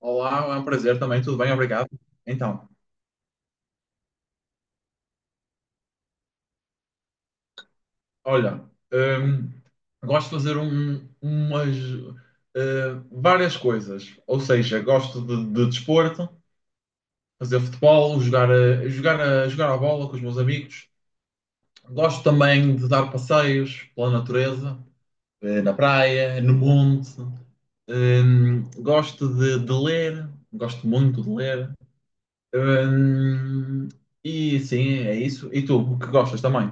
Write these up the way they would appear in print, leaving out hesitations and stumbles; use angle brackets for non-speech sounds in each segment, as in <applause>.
Olá, é um prazer também, tudo bem, obrigado. Então, olha, hum, gosto de fazer umas várias coisas, ou seja, gosto de desporto, fazer futebol, jogar a bola com os meus amigos. Gosto também de dar passeios pela natureza, na praia, no monte. Gosto de ler, gosto muito de ler. Hum, e sim, é isso. E tu, o que gostas também?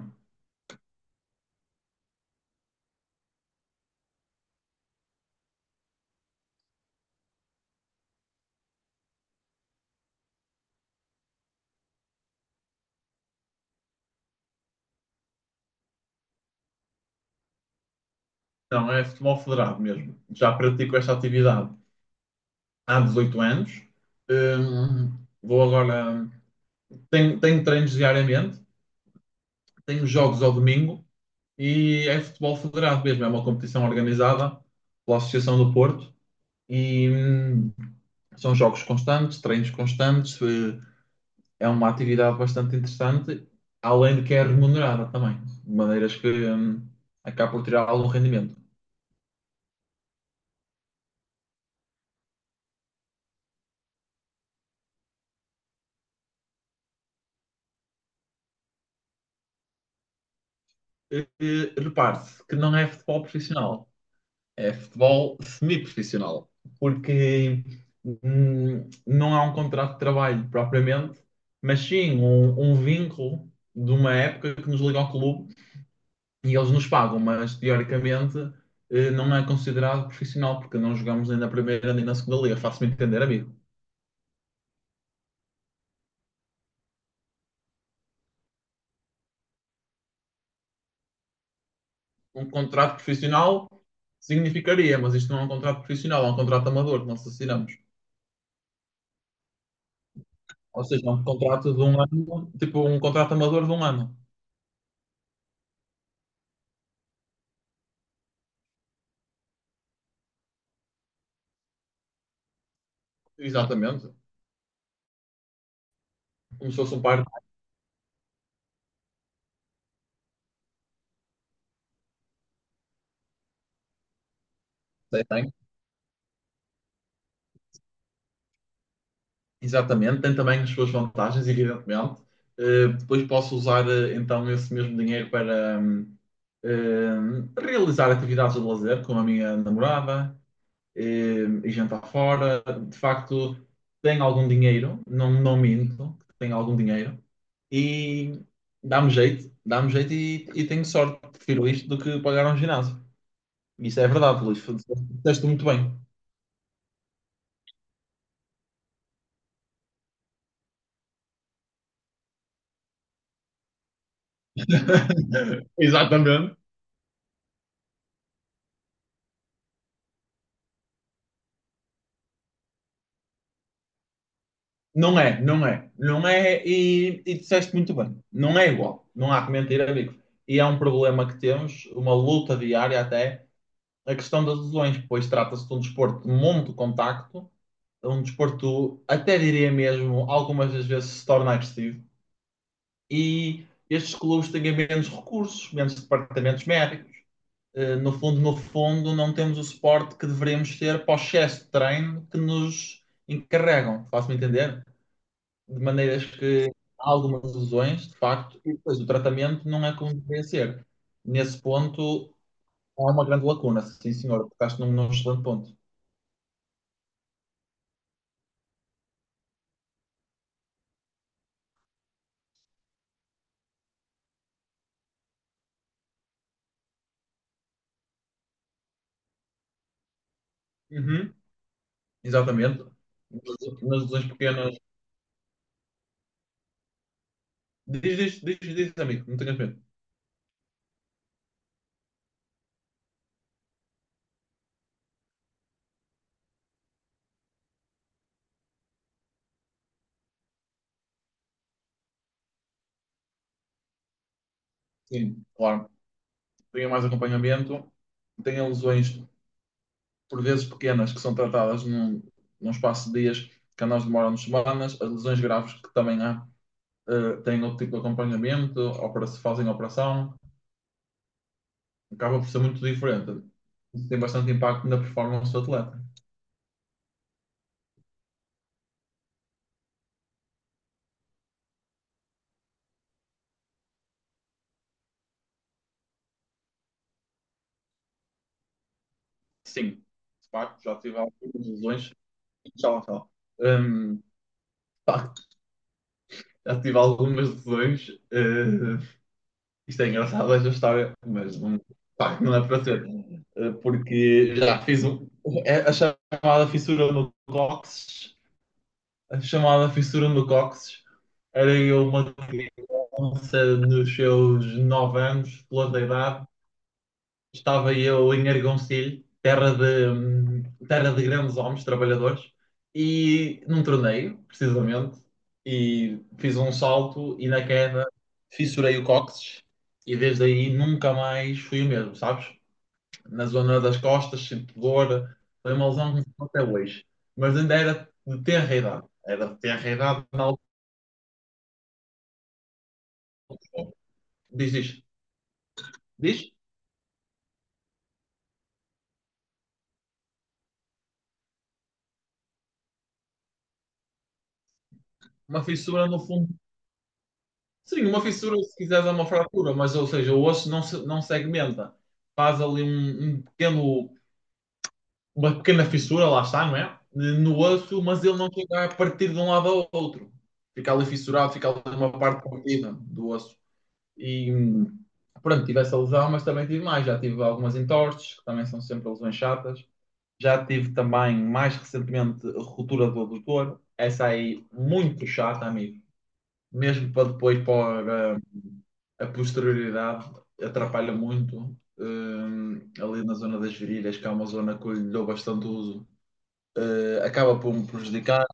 Não, é futebol federado mesmo. Já pratico esta atividade há 18 anos. Vou agora. Tenho treinos diariamente, tenho jogos ao domingo e é futebol federado mesmo. É uma competição organizada pela Associação do Porto e são jogos constantes, treinos constantes. É uma atividade bastante interessante, além de que é remunerada também, de maneiras que acaba por tirar algum rendimento. Repare-se que não é futebol profissional, é futebol semi-profissional, porque não há um contrato de trabalho propriamente, mas sim um vínculo de uma época que nos liga ao clube e eles nos pagam, mas teoricamente não é considerado profissional, porque não jogamos nem na primeira nem na segunda liga, faço-me entender, amigo. Um contrato profissional significaria, mas isto não é um contrato profissional, é um contrato amador que nós assinamos. Ou seja, um contrato de um ano, tipo um contrato amador de um ano. Exatamente. Como se fosse um par de tem. Exatamente. Tem também as suas vantagens, evidentemente. Depois posso usar então esse mesmo dinheiro para realizar atividades de lazer com a minha namorada e jantar fora. De facto, tenho algum dinheiro, não minto, tenho algum dinheiro e dá-me jeito e tenho sorte, prefiro isto do que pagar um ginásio. Isso é verdade, Luís. Disseste muito bem. <laughs> Exatamente. Não é, e disseste muito bem. Não é igual. Não há que mentir, amigos. E é um problema que temos, uma luta diária até, a questão das lesões, pois trata-se de um desporto de muito contacto, um desporto, até diria mesmo, algumas das vezes se torna agressivo. E estes clubes têm menos recursos, menos departamentos médicos no fundo, não temos o suporte que deveríamos ter para o excesso de treino que nos encarregam, faço-me entender? De maneiras que há algumas lesões, de facto, e depois o tratamento não é como deveria ser. Nesse ponto, há uma grande lacuna, sim senhor, tocaste num excelente ponto. Uhum, exatamente. Nas lesões pequenas. Diz, amigo, não tenhas medo. Sim, claro. Tenha mais acompanhamento, tenha lesões por vezes pequenas, que são tratadas num espaço de dias, que a nós demoram semanas, as lesões graves que também há, têm outro tipo de acompanhamento, opera se fazem operação, acaba por ser muito diferente. Isso tem bastante impacto na performance do atleta. Sim, de facto, já tive algumas lesões. Tchau, tchau. De facto, já tive algumas lesões. Isto é engraçado, esta história, mas não, pá, não é para ser. Porque já fiz um, é a chamada fissura no cóccix. A chamada fissura no cóccix era eu uma criança nos seus 9 anos, pela da idade, estava eu em Argoncilho, terra de grandes homens, trabalhadores, e num torneio, precisamente, e fiz um salto e na queda fissurei o cóccix e desde aí nunca mais fui o mesmo, sabes? Na zona das costas, sinto dor, foi uma lesão que me ficou até hoje, mas ainda era de tenra idade, era de tenra idade na altura. Diz, diz, diz, uma fissura no fundo. Sim, uma fissura, se quiseres, é uma fratura, mas, ou seja, o osso não, não segmenta. Faz ali um pequeno, uma pequena fissura, lá está, não é? No osso, mas ele não chega a partir de um lado ao outro. Fica ali fissurado, fica ali uma parte partida do osso. E, pronto, tive essa lesão, mas também tive mais. Já tive algumas entorses, que também são sempre lesões chatas. Já tive também, mais recentemente, a ruptura do adutor. Essa aí, muito chata, amigo, mesmo para depois para a posterioridade, atrapalha muito ali na zona das virilhas, que é uma zona que eu lhe dou bastante uso, acaba por me prejudicar.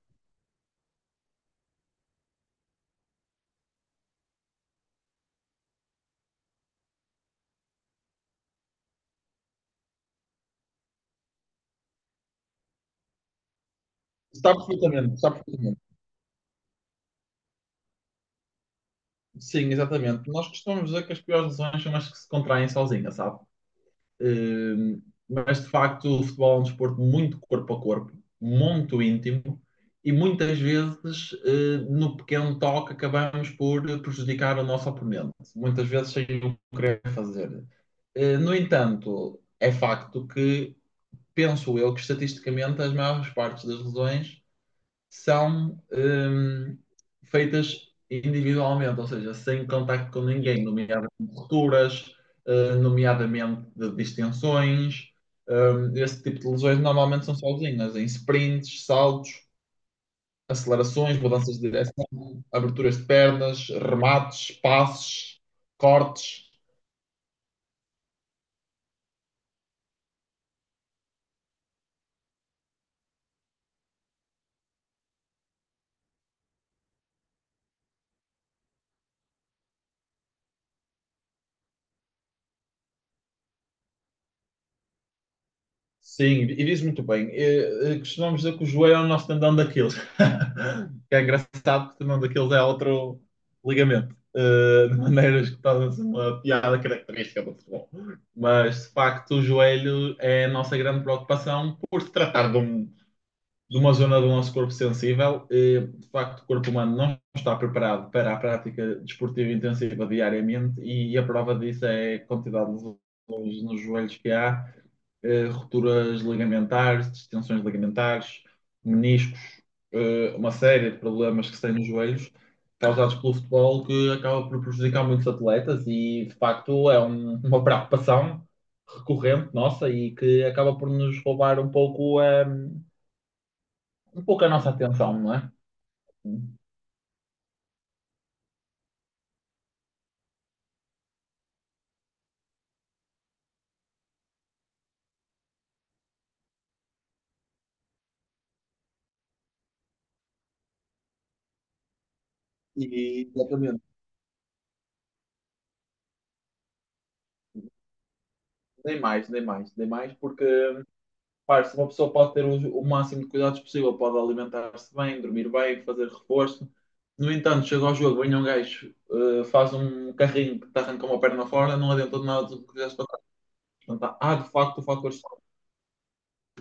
Está perfeitamente, está perfeitamente. Sim, exatamente. Nós costumamos dizer que as piores lesões são as que se contraem sozinhas, sabe? Eh, mas de facto o futebol é um desporto muito corpo a corpo, muito íntimo e muitas vezes no pequeno toque acabamos por prejudicar o nosso oponente, muitas vezes sem o querer fazer. No entanto, é facto que penso eu que estatisticamente as maiores partes das lesões são feitas individualmente, ou seja, sem contacto com ninguém, nomeadamente rupturas, nomeadamente de distensões. Esse tipo de lesões normalmente são sozinhas, em sprints, saltos, acelerações, mudanças de direção, aberturas de pernas, remates, passes, cortes. Sim, e diz muito bem. Costumamos dizer que o joelho é o nosso tendão daquilo. <laughs> Que é engraçado que o tendão daquilo é outro ligamento. De maneiras que torna-se uma piada característica do futebol. Mas, de facto, o joelho é a nossa grande preocupação por se tratar de, de uma zona do nosso corpo sensível. De facto, o corpo humano não está preparado para a prática desportiva intensiva diariamente e a prova disso é a quantidade de lesões nos joelhos que há, rupturas ligamentares, distensões ligamentares, meniscos, uma série de problemas que se têm nos joelhos, causados pelo futebol, que acaba por prejudicar muitos atletas e, de facto, é uma preocupação recorrente nossa e que acaba por nos roubar um pouco, um pouco a nossa atenção, não é? E, exatamente. Nem mais, porque claro, se uma pessoa pode ter o máximo de cuidados possível, pode alimentar-se bem, dormir bem, fazer reforço. No entanto, chega ao jogo, vem um gajo, faz um carrinho que te arranca uma perna fora, não adianta de nada do que fizeste para trás. Portanto, há, de facto o fator sorte,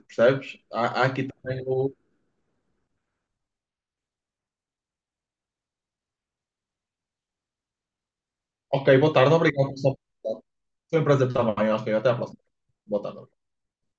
percebes? Há, há aqui também o. Ok, boa tarde, obrigado, pessoal. Foi um prazer estar bem, ok, até à próxima. Boa tarde.